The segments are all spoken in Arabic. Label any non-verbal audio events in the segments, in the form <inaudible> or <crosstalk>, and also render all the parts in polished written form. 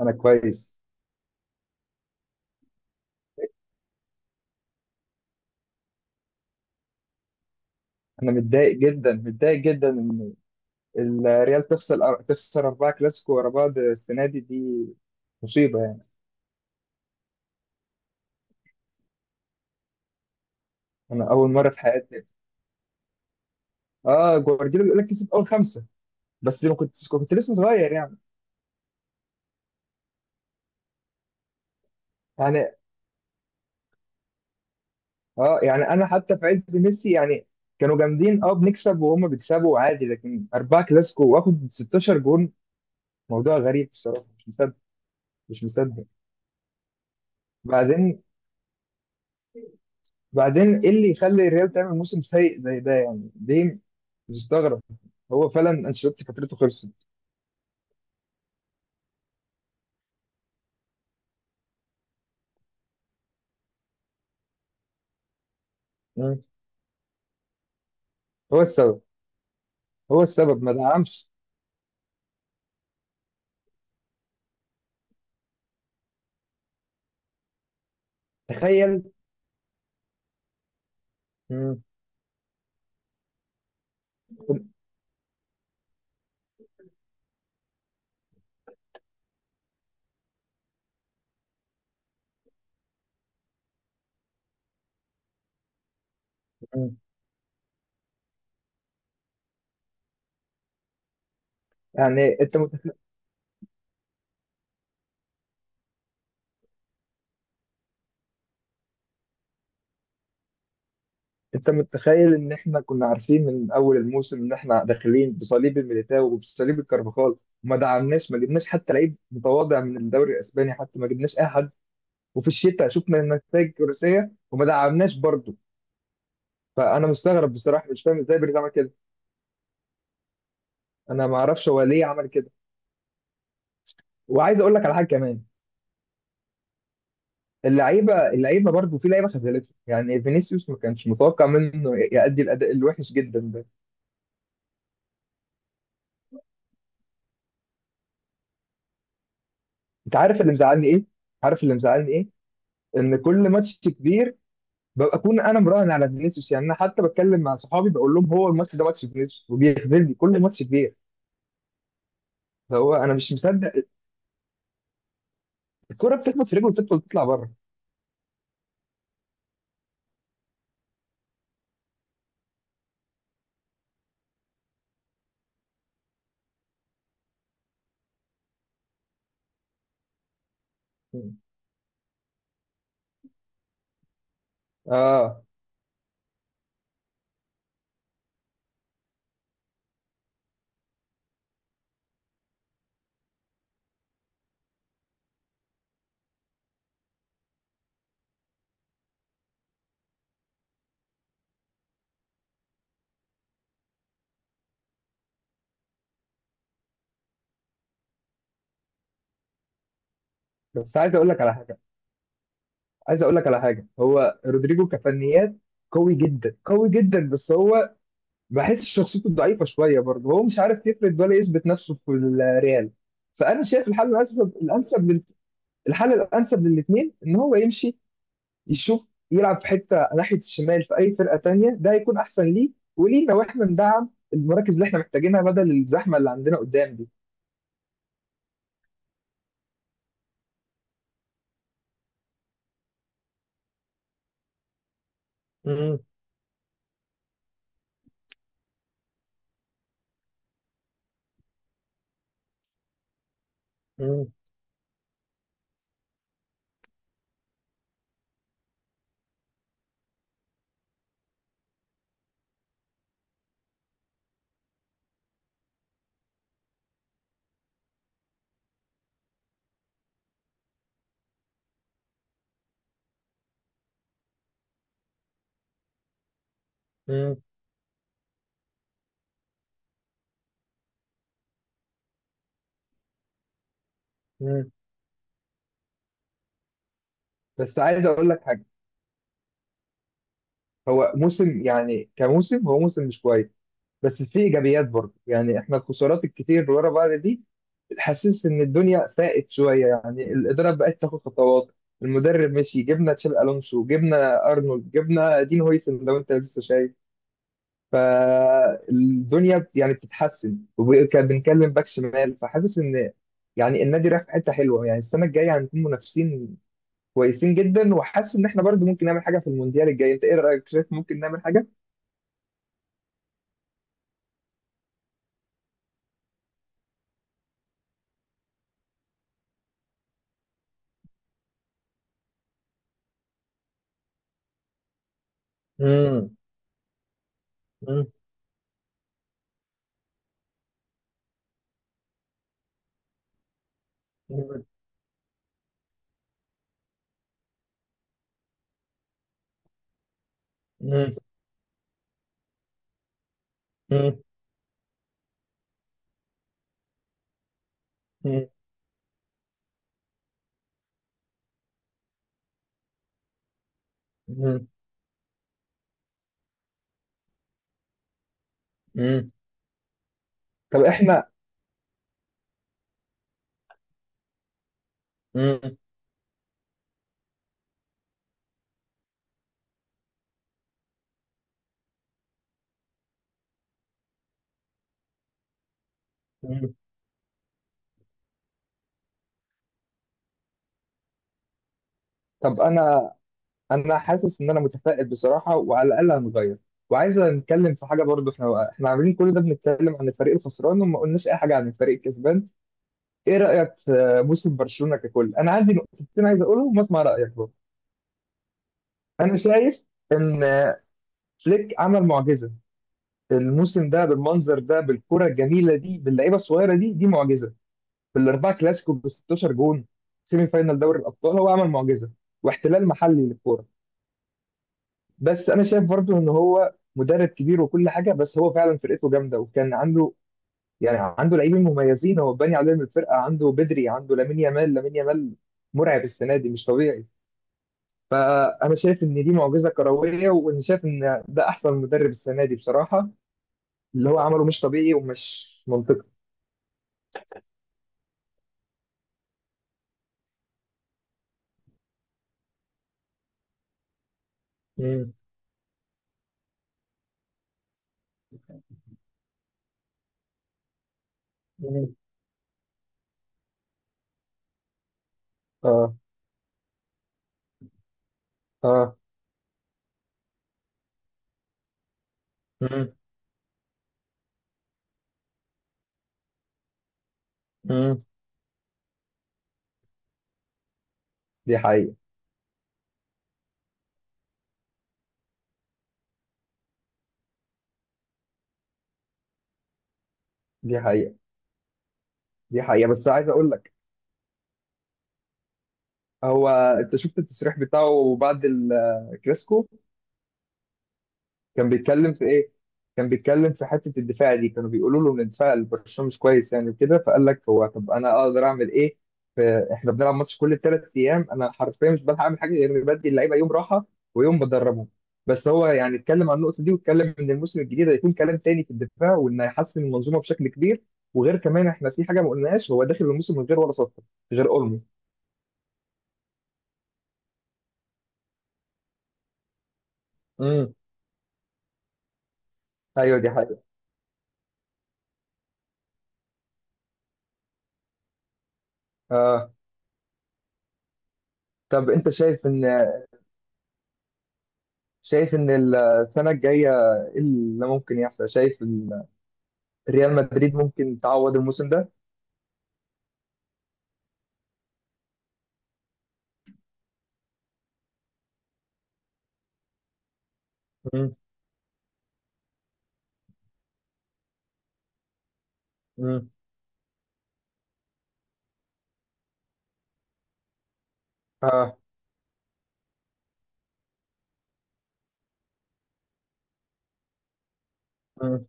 انا كويس. انا متضايق جدا، متضايق جدا ان الريال تخسر اربعه كلاسيكو ورا بعض السنه دي، مصيبه يعني. انا اول مره في حياتي. اه، جوارديولا بيقول لك كسب اول خمسه، بس ما كنت لسه صغير يعني. يعني اه يعني انا حتى في عز ميسي يعني كانوا جامدين، بنكسب وهم بيكسبوا عادي، لكن اربعه كلاسيكو واخد 16 جون. موضوع غريب بصراحه، مش مصدق، مش مصدق. بعدين بعدين ايه اللي يخلي الريال تعمل موسم سيء زي ده؟ يعني ليه؟ مستغرب. هو فعلا انشيلوتي فترته خلصت. مم. هو السبب، هو السبب ما دعمش. تخيل. مم. مم. يعني انت متخيل ان احنا كنا عارفين من اول الموسم ان احنا داخلين بصليب الميليتاو وبصليب الكارفاخال، وما دعمناش، ما جبناش حتى لعيب متواضع من الدوري الاسباني، حتى ما جبناش اي حد. وفي الشتاء شفنا النتائج الكرسيه وما دعمناش برضه. فانا مستغرب بصراحه، مش فاهم ازاي بيريز عمل كده. انا ما اعرفش هو ليه عمل كده. وعايز اقول لك على حاجه كمان. اللعيبه برضه، في لعيبه خذلته يعني، فينيسيوس ما كانش متوقع منه يأدي الاداء الوحش جدا ده. انت عارف اللي مزعلني ايه؟ عارف اللي مزعلني ايه؟ ان كل ماتش كبير ببقى اكون انا مراهن على فينيسيوس، يعني انا حتى بتكلم مع صحابي بقول لهم هو الماتش ده ماتش فينيسيوس، وبيخذلني كل ماتش كبير. هو انا مش مصدق. الكره بتخبط في رجله وتدخل تطلع بره. اه. بس عايز اقول لك على حاجه، عايز اقول لك على حاجه، هو رودريجو كفنيات قوي جدا، قوي جدا، بس هو بحس شخصيته ضعيفه شويه برضه، هو مش عارف يفرد ولا يثبت نفسه في الريال. فانا شايف الحل الانسب للاثنين ان هو يمشي، يشوف يلعب في حته ناحيه الشمال في اي فرقه تانية، ده هيكون احسن ليه ولينا، واحنا ندعم المراكز اللي احنا محتاجينها بدل الزحمه اللي عندنا قدام دي. مم. مم. مم. مم. بس عايز اقول لك حاجه. هو موسم، يعني كموسم، هو موسم مش كويس، بس في ايجابيات برضه، يعني احنا الخسارات الكتير اللي ورا بعض دي تحسس ان الدنيا فاقت شويه، يعني الاداره بقت تاخد خطوات، المدرب مشي، جبنا تشابي الونسو، جبنا ارنولد، جبنا دين هويسن، لو انت لسه شايف. فالدنيا يعني بتتحسن، وكان بنتكلم باك شمال، فحاسس ان يعني النادي رايح في حته حلوه، يعني السنه الجايه هنكون منافسين كويسين جدا، وحاسس ان احنا برضه ممكن نعمل حاجه في المونديال الجاي. انت ايه رايك؟ شايف ممكن نعمل حاجه؟ امم. امم. مم. مم. مم. طب احنا. مم. مم. طب انا حاسس ان انا متفائل بصراحه، وعلى الاقل هنغير. وعايز نتكلم في حاجه برضه، احنا عاملين كل ده، بنتكلم عن الفريق الخسران وما قلناش اي حاجه عن الفريق الكسبان. ايه رايك في موسم برشلونه ككل؟ انا عندي نقطتين عايز اقولهم واسمع رايك برضه. انا شايف ان فليك عمل معجزه، الموسم ده بالمنظر ده بالكره الجميله دي باللعيبه الصغيره دي، دي معجزه. بالاربعه كلاسيكو ب 16 جون، سيمي فاينال دوري الابطال، هو عمل معجزه، واحتلال محلي للكوره. بس انا شايف برضو ان هو مدرب كبير وكل حاجه، بس هو فعلا فرقته جامده، وكان عنده يعني عنده لاعبين مميزين، هو باني عليهم الفرقه، عنده بدري، عنده لامين يامال، لامين يامال مرعب السنه دي، مش طبيعي. فانا شايف ان دي معجزه كرويه، وانا شايف ان ده احسن مدرب السنه دي بصراحه، اللي هو عمله مش طبيعي ومش منطقي. مم. مم. اه. اه. مم. مم. دي حقيقه. دي حقيقه. دي حقيقة. بس عايز اقول لك، هو انت شفت التصريح بتاعه بعد الكلاسيكو؟ كان بيتكلم في ايه؟ كان بيتكلم في حتة الدفاع دي، كانوا بيقولوا له ان دفاع برشلونة مش كويس يعني، وكده فقال لك هو طب انا اقدر اعمل ايه؟ ف- احنا بنلعب ماتش كل 3 ايام، انا حرفيا مش بلحق اعمل حاجة غير اني بدي اللعيبة يوم راحة ويوم بدربهم. بس هو يعني اتكلم عن النقطة دي، واتكلم ان الموسم الجديد هيكون كلام تاني في الدفاع، وان هيحسن المنظومة بشكل كبير. وغير كمان احنا في حاجة ما قلناهاش، هو داخل الموسم من غير ولا صفقة غير اولمو. امم. ايوه، دي حقيقة. آه، طب انت شايف ان السنه الجايه ايه اللي ممكن يحصل، شايف ريال مدريد ممكن تعوض الموسم ده؟ مم. مم. اه. مم.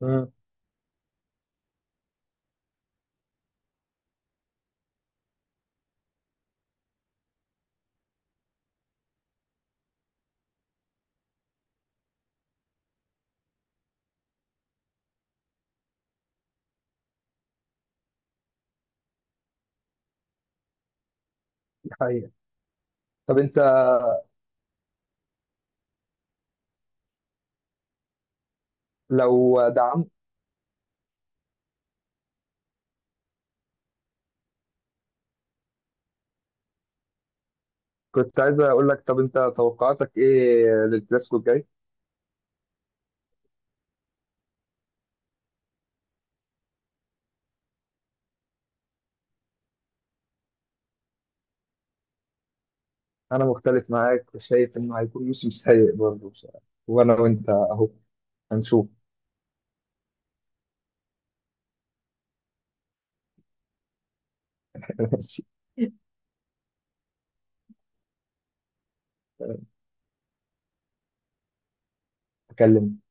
مم. دي حقيقة. طب انت، لو دعمت، كنت عايز اقول لك طب انت توقعاتك ايه للكلاسيكو الجاي؟ انا مختلف معاك، وشايف انه هيكون موسم سيء برضه بصراحة. وانا وانت اهو، هنشوف. <laughs> ماشي. اكلمك.